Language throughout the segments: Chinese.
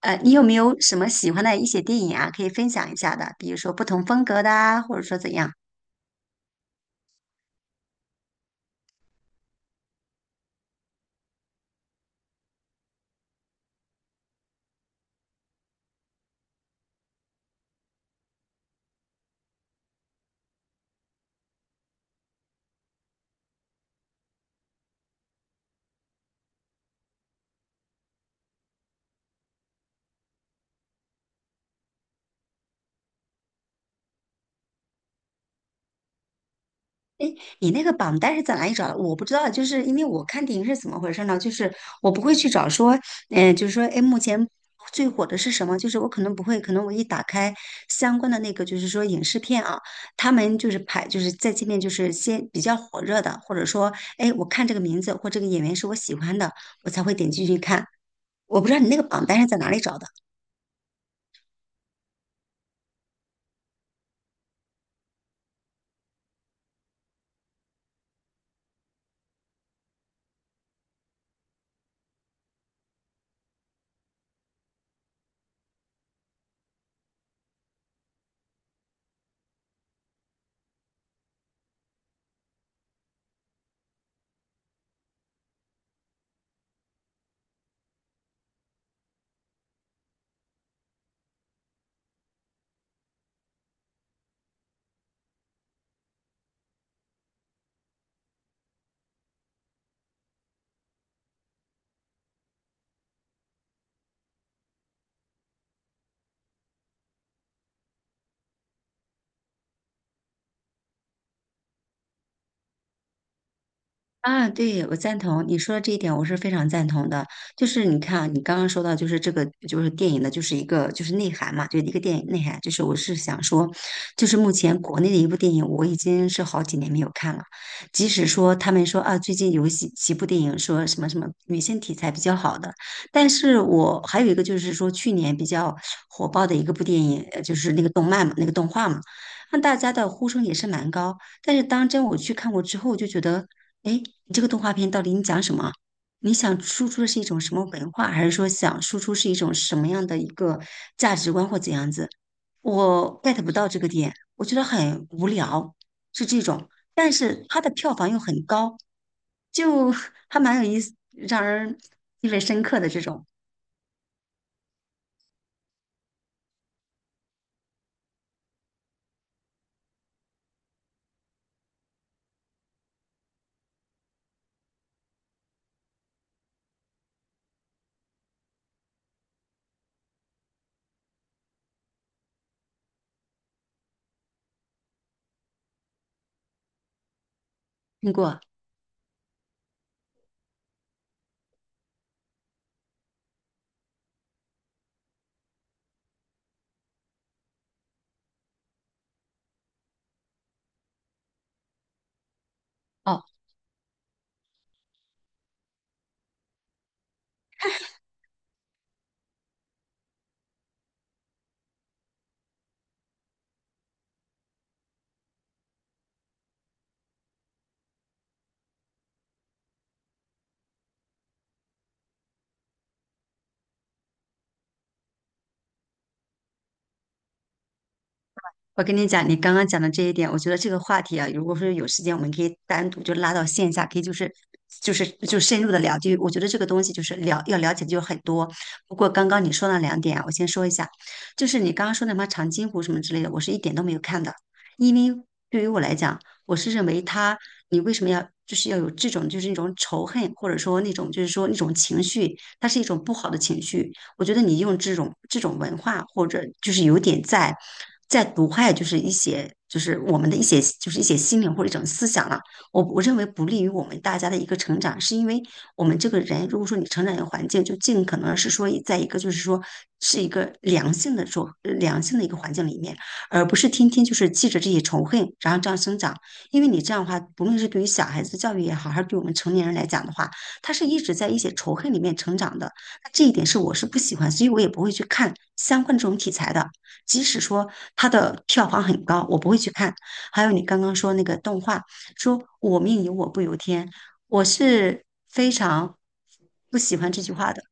你有没有什么喜欢的一些电影啊，可以分享一下的？比如说不同风格的啊，或者说怎样？你那个榜单是在哪里找的？我不知道，就是因为我看电影是怎么回事呢？就是我不会去找说，就是说，哎，目前最火的是什么？就是我可能不会，可能我一打开相关的那个，就是说影视片啊，他们就是排，就是在界面就是先比较火热的，或者说，哎，我看这个名字或这个演员是我喜欢的，我才会点进去看。我不知道你那个榜单是在哪里找的。啊，对，我赞同你说的这一点，我是非常赞同的。就是你看啊，你刚刚说到，就是这个，就是电影的，就是一个就是内涵嘛，就一个电影内涵。就是我是想说，就是目前国内的一部电影，我已经是好几年没有看了。即使说他们说啊，最近有几部电影说什么什么女性题材比较好的，但是我还有一个就是说去年比较火爆的一个部电影，就是那个动漫嘛，那个动画嘛，让大家的呼声也是蛮高。但是当真我去看过之后，我就觉得。哎，诶，你这个动画片到底你讲什么？你想输出的是一种什么文化，还是说想输出是一种什么样的一个价值观或怎样子？我 get 不到这个点，我觉得很无聊，是这种。但是它的票房又很高，就 还蛮有意思，让人意味深刻的这种。听过哦，我跟你讲，你刚刚讲的这一点，我觉得这个话题啊，如果说有时间，我们可以单独就拉到线下，可以就是就深入的聊。就我觉得这个东西就是了要了解的就很多。不过刚刚你说那两点啊，我先说一下，就是你刚刚说那什么长津湖什么之类的，我是一点都没有看的，因为对于我来讲，我是认为他你为什么要就是要有这种就是那种仇恨，或者说那种就是说那种情绪，它是一种不好的情绪。我觉得你用这种文化，或者就是有点在毒害，就是一些就是我们的一些就是一些心灵或者一种思想了。我认为不利于我们大家的一个成长，是因为我们这个人，如果说你成长一个环境，就尽可能是说在一个就是说是一个良性的一个环境里面，而不是天天就是记着这些仇恨，然后这样生长。因为你这样的话，不论是对于小孩子教育也好，还是对我们成年人来讲的话，他是一直在一些仇恨里面成长的。这一点是我是不喜欢，所以我也不会去看相关的这种题材的。即使说它的票房很高，我不会去看。还有你刚刚说那个动画，说“我命由我不由天”，我是非常不喜欢这句话的。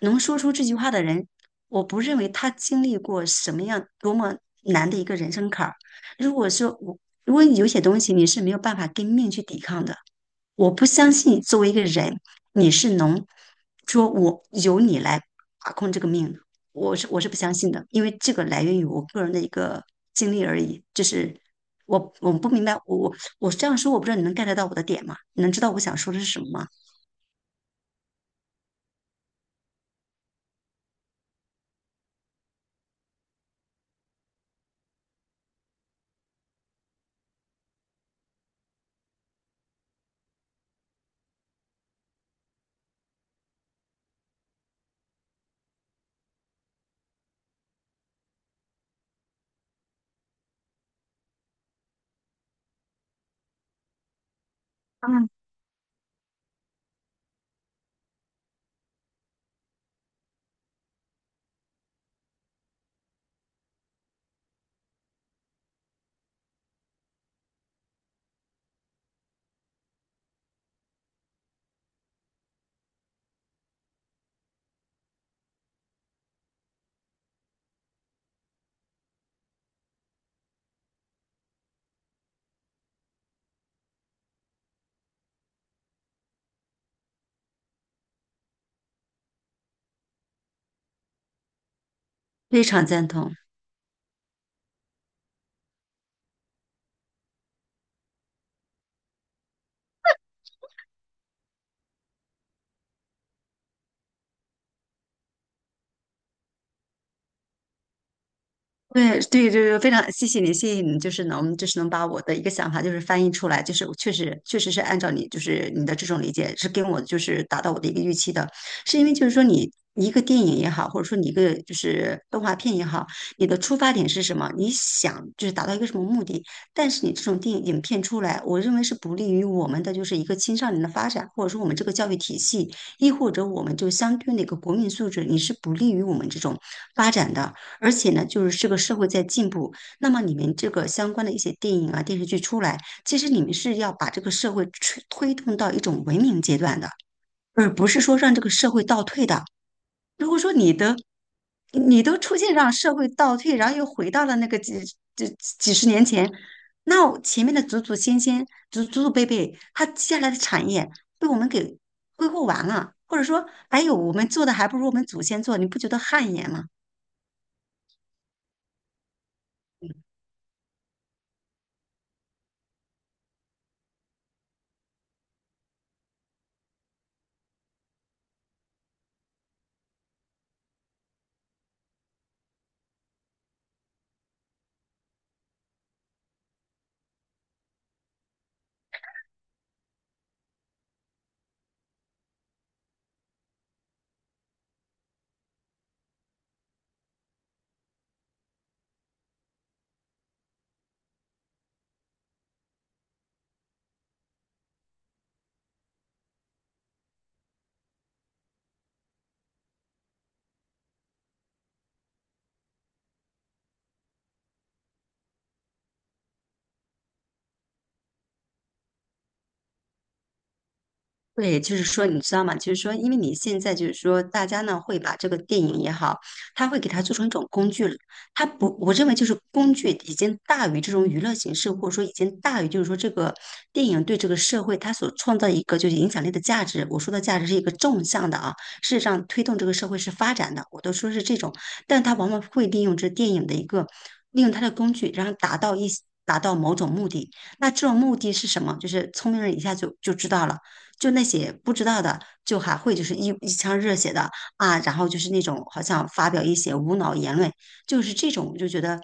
能说出这句话的人，我不认为他经历过什么样多么难的一个人生坎儿。如果说我，如果你有些东西你是没有办法跟命去抵抗的，我不相信作为一个人，你是能说我由你来把控这个命的，我是不相信的，因为这个来源于我个人的一个经历而已。就是我不明白，我这样说，我不知道你能 get 到我的点吗？你能知道我想说的是什么吗？嗯，非常赞同。对对，就是非常谢谢你，谢谢你，就是能把我的一个想法就是翻译出来，就是我确实确实是按照你就是你的这种理解是跟我就是达到我的一个预期的，是因为就是说你一个电影也好，或者说你一个就是动画片也好，你的出发点是什么？你想就是达到一个什么目的？但是你这种电影影片出来，我认为是不利于我们的就是一个青少年的发展，或者说我们这个教育体系，亦或者我们就相对应的一个国民素质，你是不利于我们这种发展的。而且呢，就是这个社会在进步，那么你们这个相关的一些电影啊、电视剧出来，其实你们是要把这个社会推动到一种文明阶段的，而不是说让这个社会倒退的。如果说你都出现让社会倒退，然后又回到了那个几十年前，那我前面的祖祖先先、祖祖辈辈，他接下来的产业被我们给挥霍完了，或者说，哎呦，我们做的还不如我们祖先做，你不觉得汗颜吗？对，就是说，你知道吗？就是说，因为你现在就是说，大家呢会把这个电影也好，他会给它做成一种工具了。它不，我认为就是工具已经大于这种娱乐形式，或者说已经大于就是说这个电影对这个社会它所创造一个就是影响力的价值。我说的价值是一个纵向的啊，事实上推动这个社会是发展的，我都说是这种，但他往往会利用这电影的一个利用它的工具，然后达到某种目的。那这种目的是什么？就是聪明人一下就知道了。就那些不知道的，就还会就是一腔热血的啊，然后就是那种好像发表一些无脑言论，就是这种我就觉得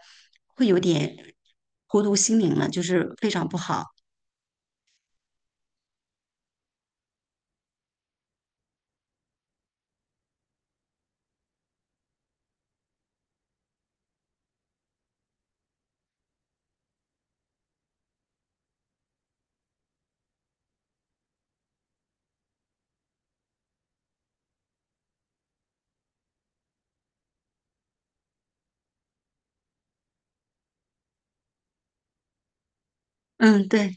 会有点荼毒心灵了，就是非常不好。嗯，对，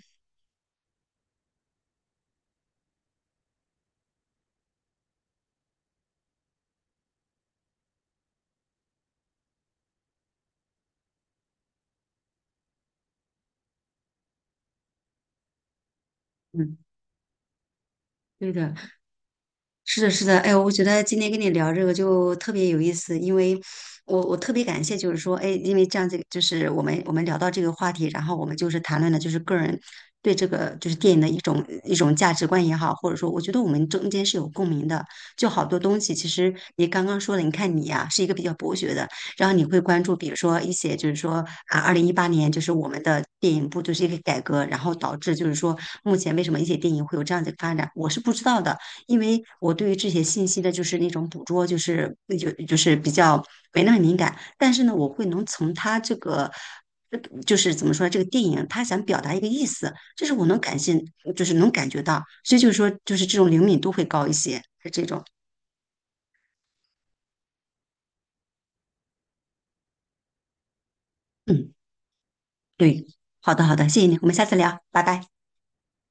嗯，对的。是的，是的，哎，我觉得今天跟你聊这个就特别有意思，因为我特别感谢，就是说，哎，因为这样子，就是我们聊到这个话题，然后我们就是谈论的，就是个人对这个就是电影的一种一种价值观也好，或者说，我觉得我们中间是有共鸣的，就好多东西，其实你刚刚说的，你看你呀、是一个比较博学的，然后你会关注，比如说一些就是说啊，2018年就是我们的电影部就是一个改革，然后导致就是说目前为什么一些电影会有这样子的发展，我是不知道的。因为我对于这些信息的，就是那种捕捉，就是那就是比较没那么敏感，但是呢，我会能从他这个，呃就是怎么说，这个电影他想表达一个意思，就是我能感性，就是能感觉到，所以就是说，就是这种灵敏度会高一些，是这种，嗯，对，好的好的，谢谢你，我们下次聊，拜拜。